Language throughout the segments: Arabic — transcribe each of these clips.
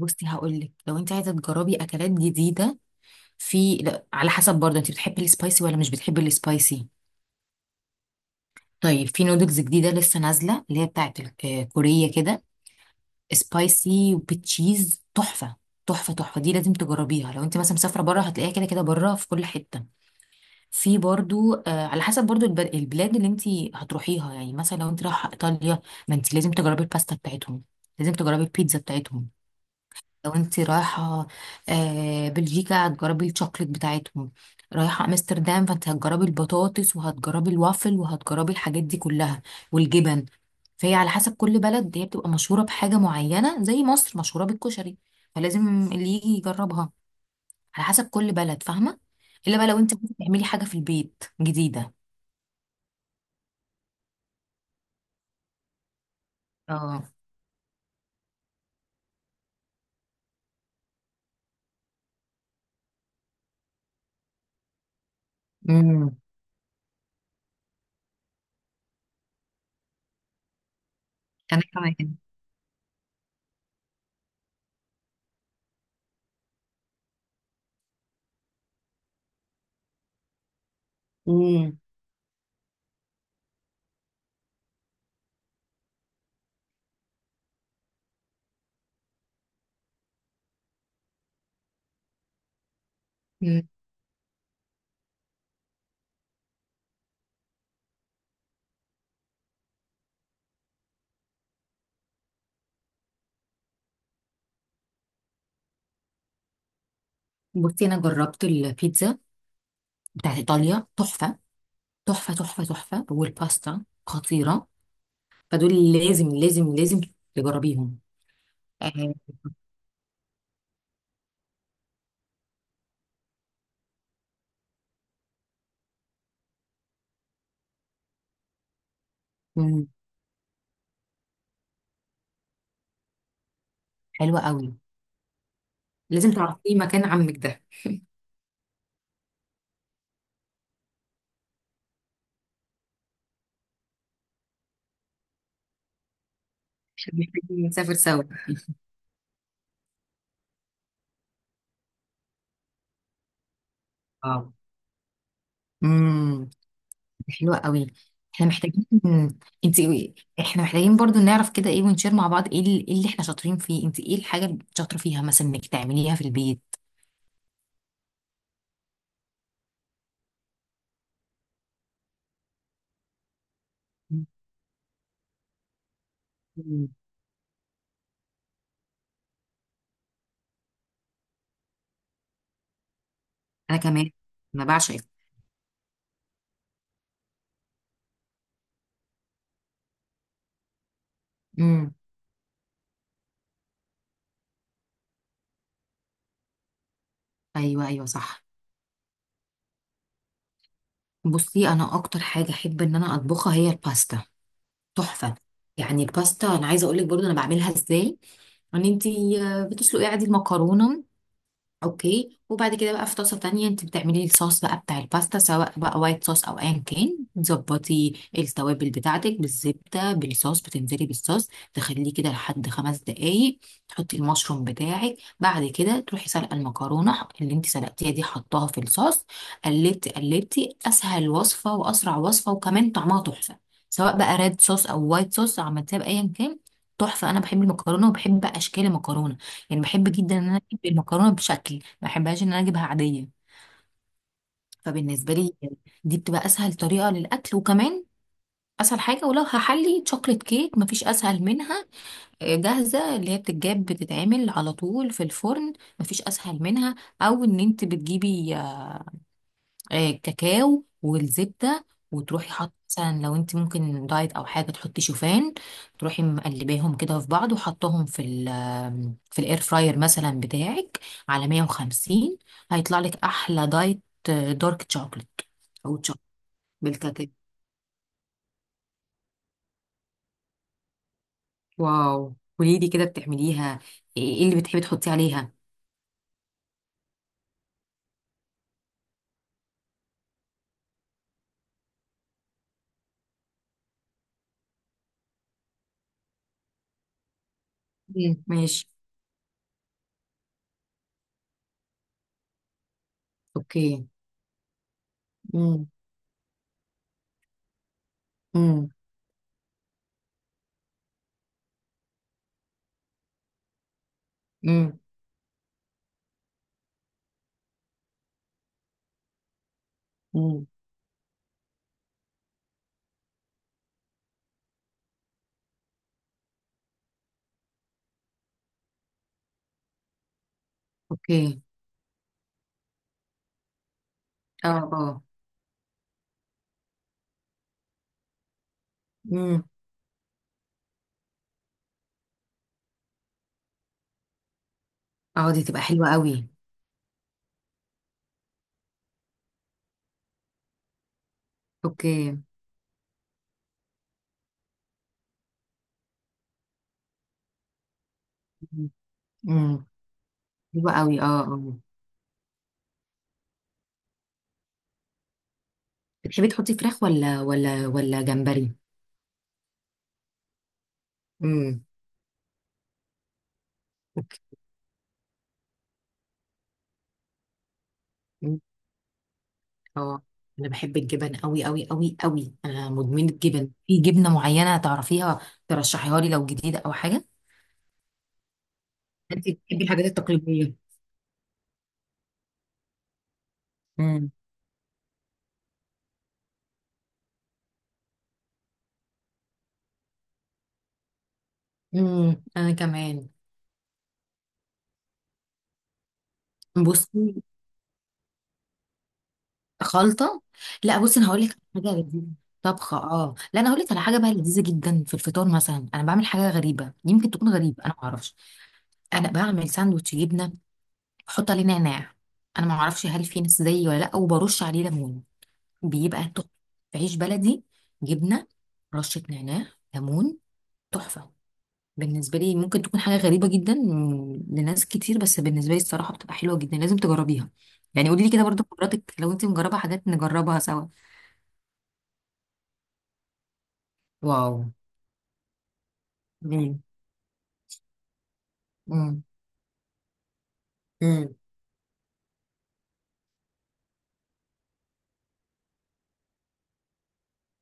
بصي هقول لك لو انت عايزه تجربي اكلات جديده، في، لا على حسب برضه، انت بتحبي السبايسي ولا مش بتحبي السبايسي؟ طيب في نودلز جديده لسه نازله اللي هي بتاعت كوريه كده، سبايسي وبتشيز تحفه. تحفه تحفه، دي لازم تجربيها. لو انت مثلا مسافره بره هتلاقيها كده كده بره في كل حته. في برضه على حسب برضه البلاد اللي انت هتروحيها. يعني مثلا لو انت رايحه ايطاليا، ما انت لازم تجربي الباستا بتاعتهم، لازم تجربي البيتزا بتاعتهم. لو انت رايحة بلجيكا هتجربي الشوكليت بتاعتهم. رايحة امستردام فانت هتجربي البطاطس وهتجربي الوافل وهتجربي الحاجات دي كلها، والجبن. فهي على حسب كل بلد، هي بتبقى مشهورة بحاجة معينة، زي مصر مشهورة بالكشري. فلازم اللي يجي يجربها على حسب كل بلد، فاهمة؟ الا بقى لو انت عايزة تعملي حاجة في البيت جديدة. اه. امم. انا كمان. امم. بصي انا جربت البيتزا بتاعت ايطاليا، تحفة. تحفة تحفة تحفة، والباستا خطيرة. فدول لازم لازم لازم تجربيهم. آه. مم. حلوة قوي. لازم تعرفي مكان عمك ده، عشان محتاجين نسافر سوا. اه. امم. حلوة قوي. احنا محتاجين، انت احنا محتاجين برضو نعرف كده ايه، ونشير مع بعض ايه إيه اللي احنا شاطرين فيه. انت ايه الحاجة اللي شاطرة فيها مثلا انك تعمليها في البيت؟ مم. انا كمان، انا بعشق. امم. ايوه ايوه صح. بصي انا اكتر حاجة احب ان انا اطبخها هي الباستا، تحفه. يعني الباستا انا عايزه اقول لك برضو انا بعملها ازاي. ان انت بتسلقي عادي المكرونه، اوكي. وبعد كده بقى في طاسه تانية انت بتعملي الصوص بقى بتاع الباستا، سواء بقى وايت صوص او ايا كان، تظبطي التوابل بتاعتك بالزبده، بالصوص، بتنزلي بالصوص، تخليه كده لحد 5 دقايق، تحطي المشروم بتاعك. بعد كده تروحي سلقه المكرونه اللي انت سلقتيها دي حطاها في الصوص، قلبتي قلبتي. اسهل وصفه واسرع وصفه، وكمان طعمها تحفه، سواء بقى ريد صوص او وايت صوص، عملتيها بايا كان تحفه. انا بحب المكرونه وبحب اشكال المكرونه، يعني بحب جدا ان انا اجيب المكرونه بشكل، ما بحبهاش ان انا اجيبها عاديه. فبالنسبه لي دي بتبقى اسهل طريقه للاكل، وكمان اسهل حاجه. ولو هحلي شوكليت كيك مفيش اسهل منها، جاهزه اللي هي بتتجاب بتتعمل على طول في الفرن، مفيش اسهل منها. او ان انت بتجيبي كاكاو والزبدة، وتروحي حاطة مثلا، لو انت ممكن دايت او حاجة تحطي شوفان، تروحي مقلباهم كده في بعض وحطهم في ال آه، في الاير فراير مثلا بتاعك، على 150، هيطلع لك احلى دايت دارك شوكليت، او شوكليت بالكاكاو. واو، قولي لي كده بتعمليها ايه؟ إيه اللي بتحبي تحطي عليها؟ مم. ماشي. اوكي. امم. امم. امم. اوكي. اه اه. امم. اه دي تبقى حلوة قوي. اوكي. امم. حلوة قوي اه اه. بتحبي تحطي فراخ ولا ولا ولا جمبري؟ امم. اوكي. مم. اه انا بحب الجبن قوي قوي قوي قوي، انا مدمنة جبن. في جبنة معينة تعرفيها ترشحيها لي، لو جديدة او حاجة؟ انت بتحبي الحاجات التقليدية. مم. انا كمان. بصي، خلطة، لا بصي انا هقول لك حاجة لذيذة. طبخة، اه لا انا هقول لك على حاجة بقى لذيذة جدا في الفطار. مثلا انا بعمل حاجة غريبة، يمكن تكون غريبة انا ما اعرفش. انا بعمل ساندوتش جبنة، بحط عليه نعناع، انا ما اعرفش هل في ناس زيي ولا لا، وبرش عليه ليمون، بيبقى تحفه. عيش بلدي، جبنه، رشه نعناع، ليمون، تحفه. بالنسبه لي ممكن تكون حاجه غريبه جدا لناس كتير، بس بالنسبه لي الصراحه بتبقى حلوه جدا، لازم تجربيها. يعني قولي لي كده برضو خبراتك، لو انت مجربه حاجات نجربها سوا. واو. مم. مم. مم.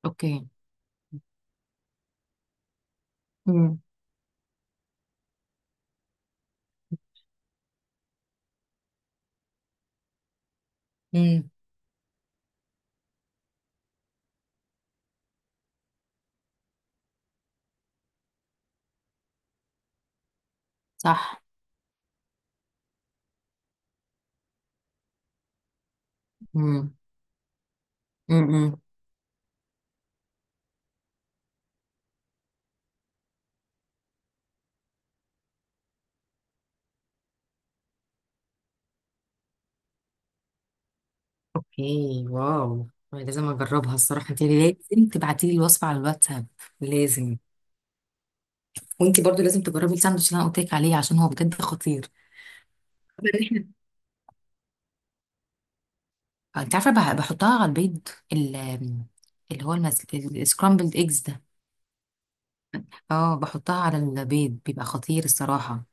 اوكي. مم. مم. صح. مم. مم. اوكي. واو، أنا لازم اجربها الصراحه. انت لازم تبعتي لي الوصفه على الواتساب، لازم. وانت برضو لازم تجربي الساندوتش اللي انا قلت لك عليه، عشان هو بجد خطير. طب إحنا، انت عارفه بحطها على البيض اللي هو السكرامبلد ايجز ده. اه بحطها على البيض بيبقى خطير الصراحه.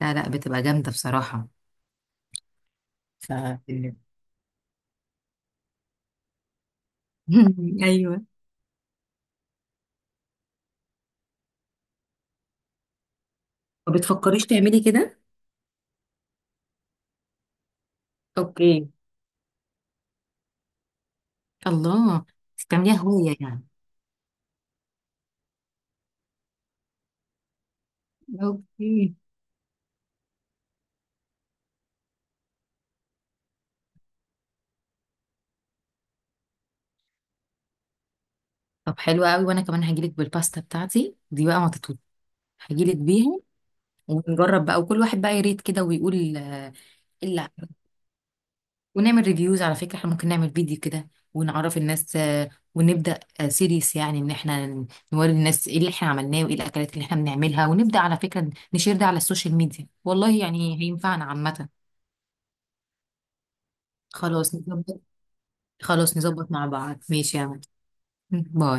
لا لا بتبقى جامده بصراحه. ف ايوه. ما بتفكريش تعملي كده؟ اوكي. الله. بتعمليها هوية يعني؟ اوكي. طب حلو قوي، وانا كمان هجيلك بالباستا بتاعتي دي بقى ما تطلب، هجيلك بيها. ونجرب بقى، وكل واحد بقى يريت كده ويقول لا. ونعمل ريفيوز على فكرة. احنا ممكن نعمل فيديو كده ونعرف الناس ونبدأ سيريس، يعني ان احنا نوري الناس ايه اللي احنا عملناه وايه الاكلات اللي احنا بنعملها، ونبدأ على فكرة نشير ده على السوشيال ميديا، والله يعني هينفعنا عامة. خلاص نظبط. خلاص نظبط مع بعض، ماشي يا عم. باي.